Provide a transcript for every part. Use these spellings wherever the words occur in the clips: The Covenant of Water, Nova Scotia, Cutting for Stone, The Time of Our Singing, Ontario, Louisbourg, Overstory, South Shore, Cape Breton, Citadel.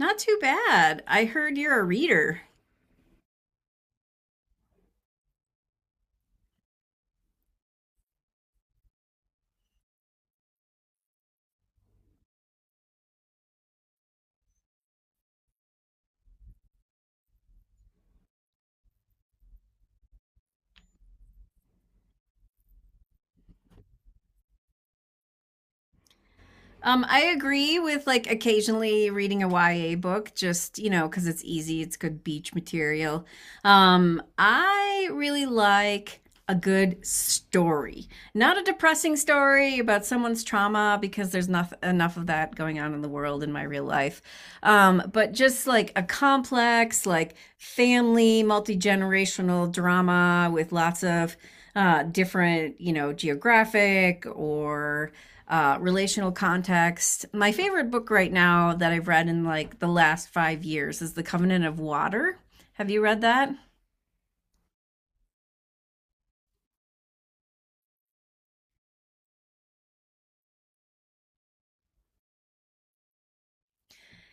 Not too bad. I heard you're a reader. I agree with like occasionally reading a YA book, just you know, because it's easy, it's good beach material. I really like a good story, not a depressing story about someone's trauma, because there's not enough of that going on in the world in my real life. But just like a complex, like family, multi generational drama with lots of different, you know, geographic or relational context. My favorite book right now that I've read in like the last 5 years is The Covenant of Water. Have you read that?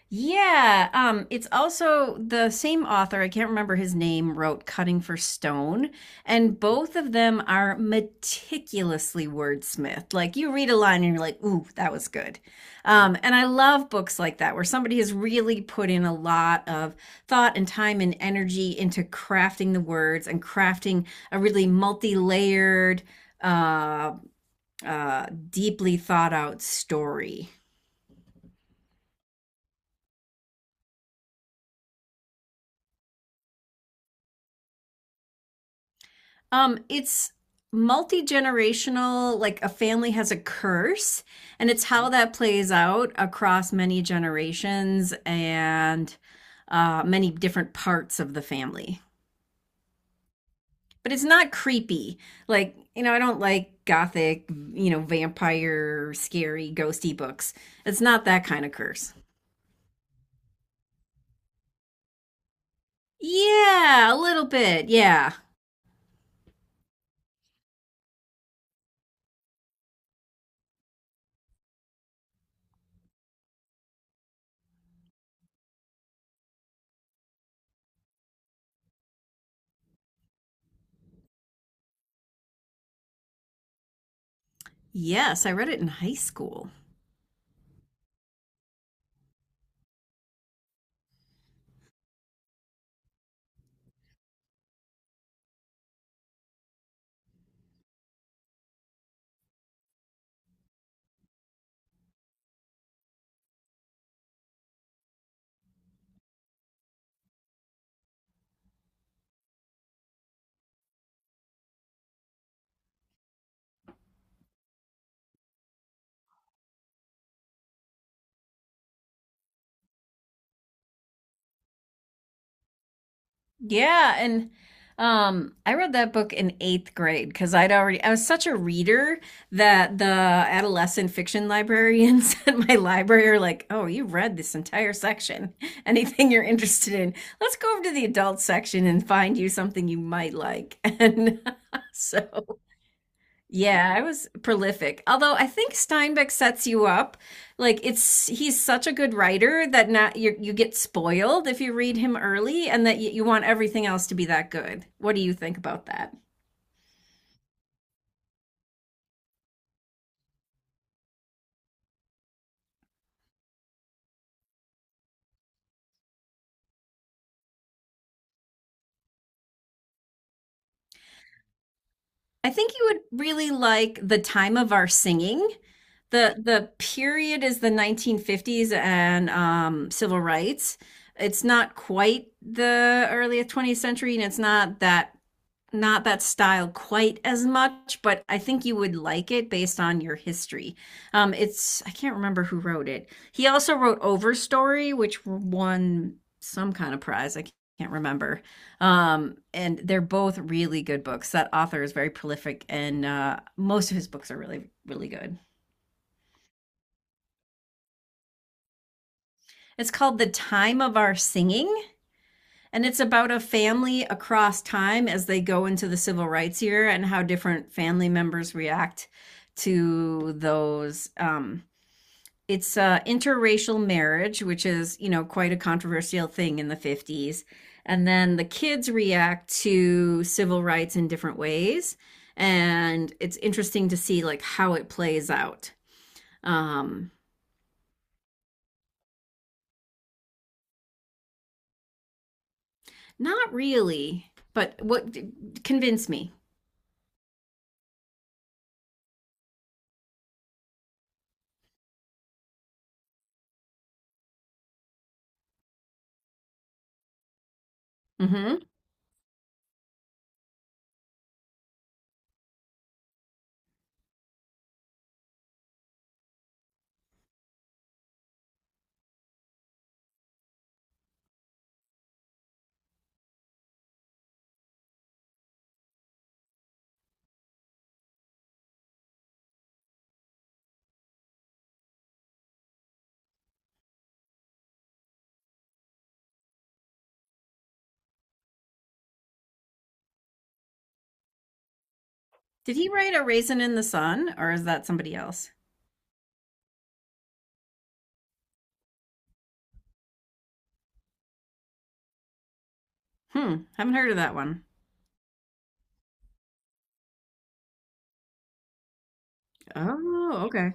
Yeah, it's also the same author, I can't remember his name, wrote Cutting for Stone, and both of them are meticulously wordsmithed. Like you read a line and you're like, ooh, that was good. And I love books like that where somebody has really put in a lot of thought and time and energy into crafting the words and crafting a really multi-layered, uh, deeply thought out story. It's multi generational, like a family has a curse, and it's how that plays out across many generations and many different parts of the family. But it's not creepy. Like, you know, I don't like gothic, you know, vampire, scary, ghosty books. It's not that kind of curse. Yeah, a little bit. Yeah. Yes, I read it in high school. Yeah, and I read that book in eighth grade because I was such a reader that the adolescent fiction librarians at my library are like, "Oh, you read this entire section. Anything you're interested in, let's go over to the adult section and find you something you might like." And so yeah, I was prolific. Although I think Steinbeck sets you up. Like it's He's such a good writer that not you get spoiled if you read him early and that you want everything else to be that good. What do you think about that? I think you would really like the time of our singing. The period is the 1950s and civil rights. It's not quite the early 20th century, and it's not that style quite as much, but I think you would like it based on your history. It's I can't remember who wrote it. He also wrote Overstory, which won some kind of prize. I can't remember. And they're both really good books. That author is very prolific, and most of his books are really really good. It's called The Time of Our Singing. And it's about a family across time as they go into the civil rights year and how different family members react to those. It's Interracial marriage, which is, you know, quite a controversial thing in the 50s. And then the kids react to civil rights in different ways. And it's interesting to see like how it plays out. Um, Not really, but what convinced me. Hmm. Did he write A Raisin in the Sun, or is that somebody else? Hmm, haven't heard of that one. Oh, okay.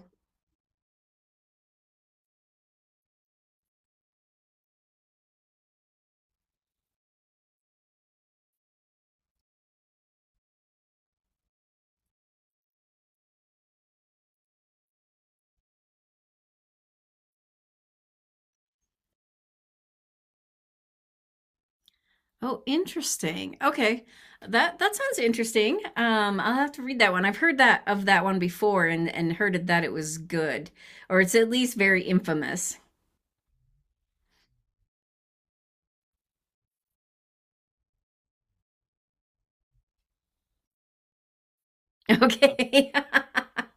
Oh, interesting. Okay. That sounds interesting. I'll have to read that one. I've heard that of that one before and heard it that it was good, or it's at least very infamous. Okay.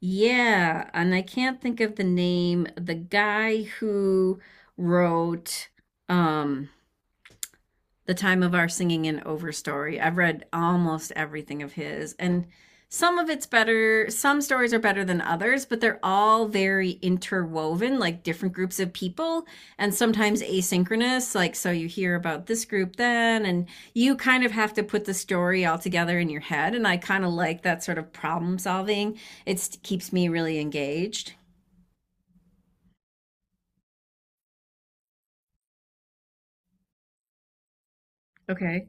Yeah, and I can't think of the name. The guy who wrote um The Time of Our Singing in Overstory. I've read almost everything of his, and some of it's better. Some stories are better than others, but they're all very interwoven, like different groups of people, and sometimes asynchronous. Like, so you hear about this group then, and you kind of have to put the story all together in your head. And I kind of like that sort of problem solving. It keeps me really engaged. Okay.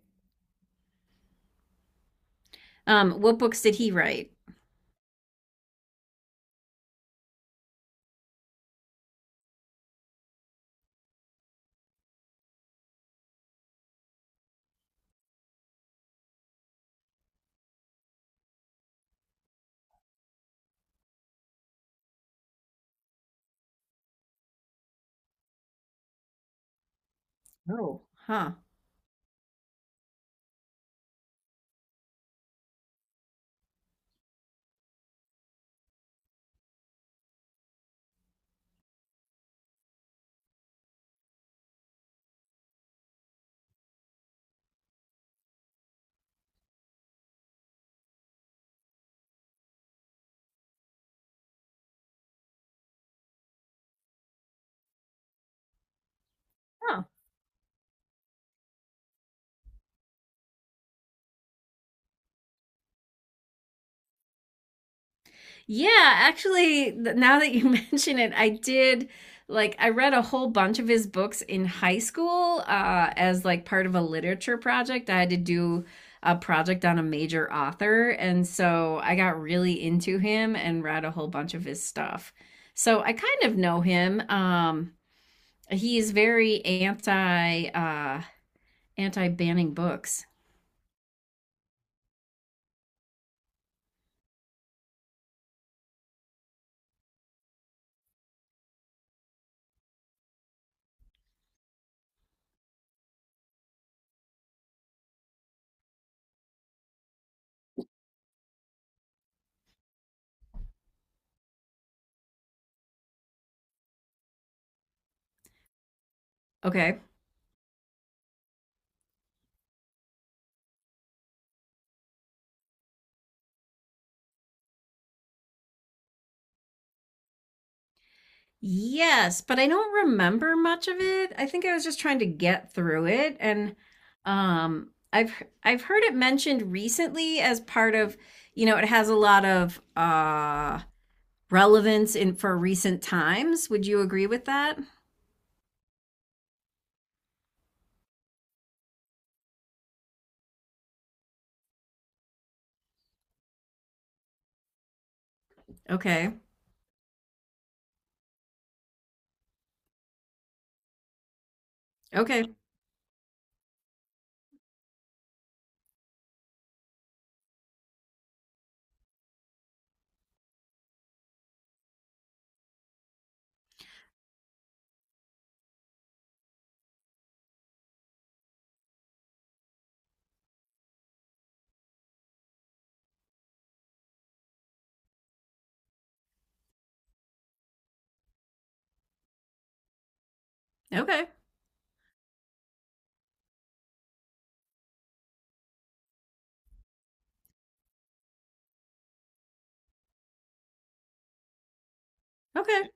What books did he write? Oh. Huh. Huh. Yeah, actually, now that you mention it, I did like I read a whole bunch of his books in high school as like part of a literature project. I had to do a project on a major author, and so I got really into him and read a whole bunch of his stuff. So I kind of know him. He is very anti banning books. Okay. Yes, but I don't remember much of it. I think I was just trying to get through it and um I've I've heard it mentioned recently as part of, you know, it has a lot of relevance in for recent times. Would you agree with that? Okay. Okay. Okay. Okay.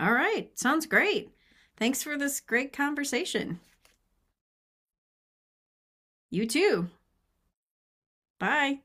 All right. Sounds great. Thanks for this great conversation. You too. Bye.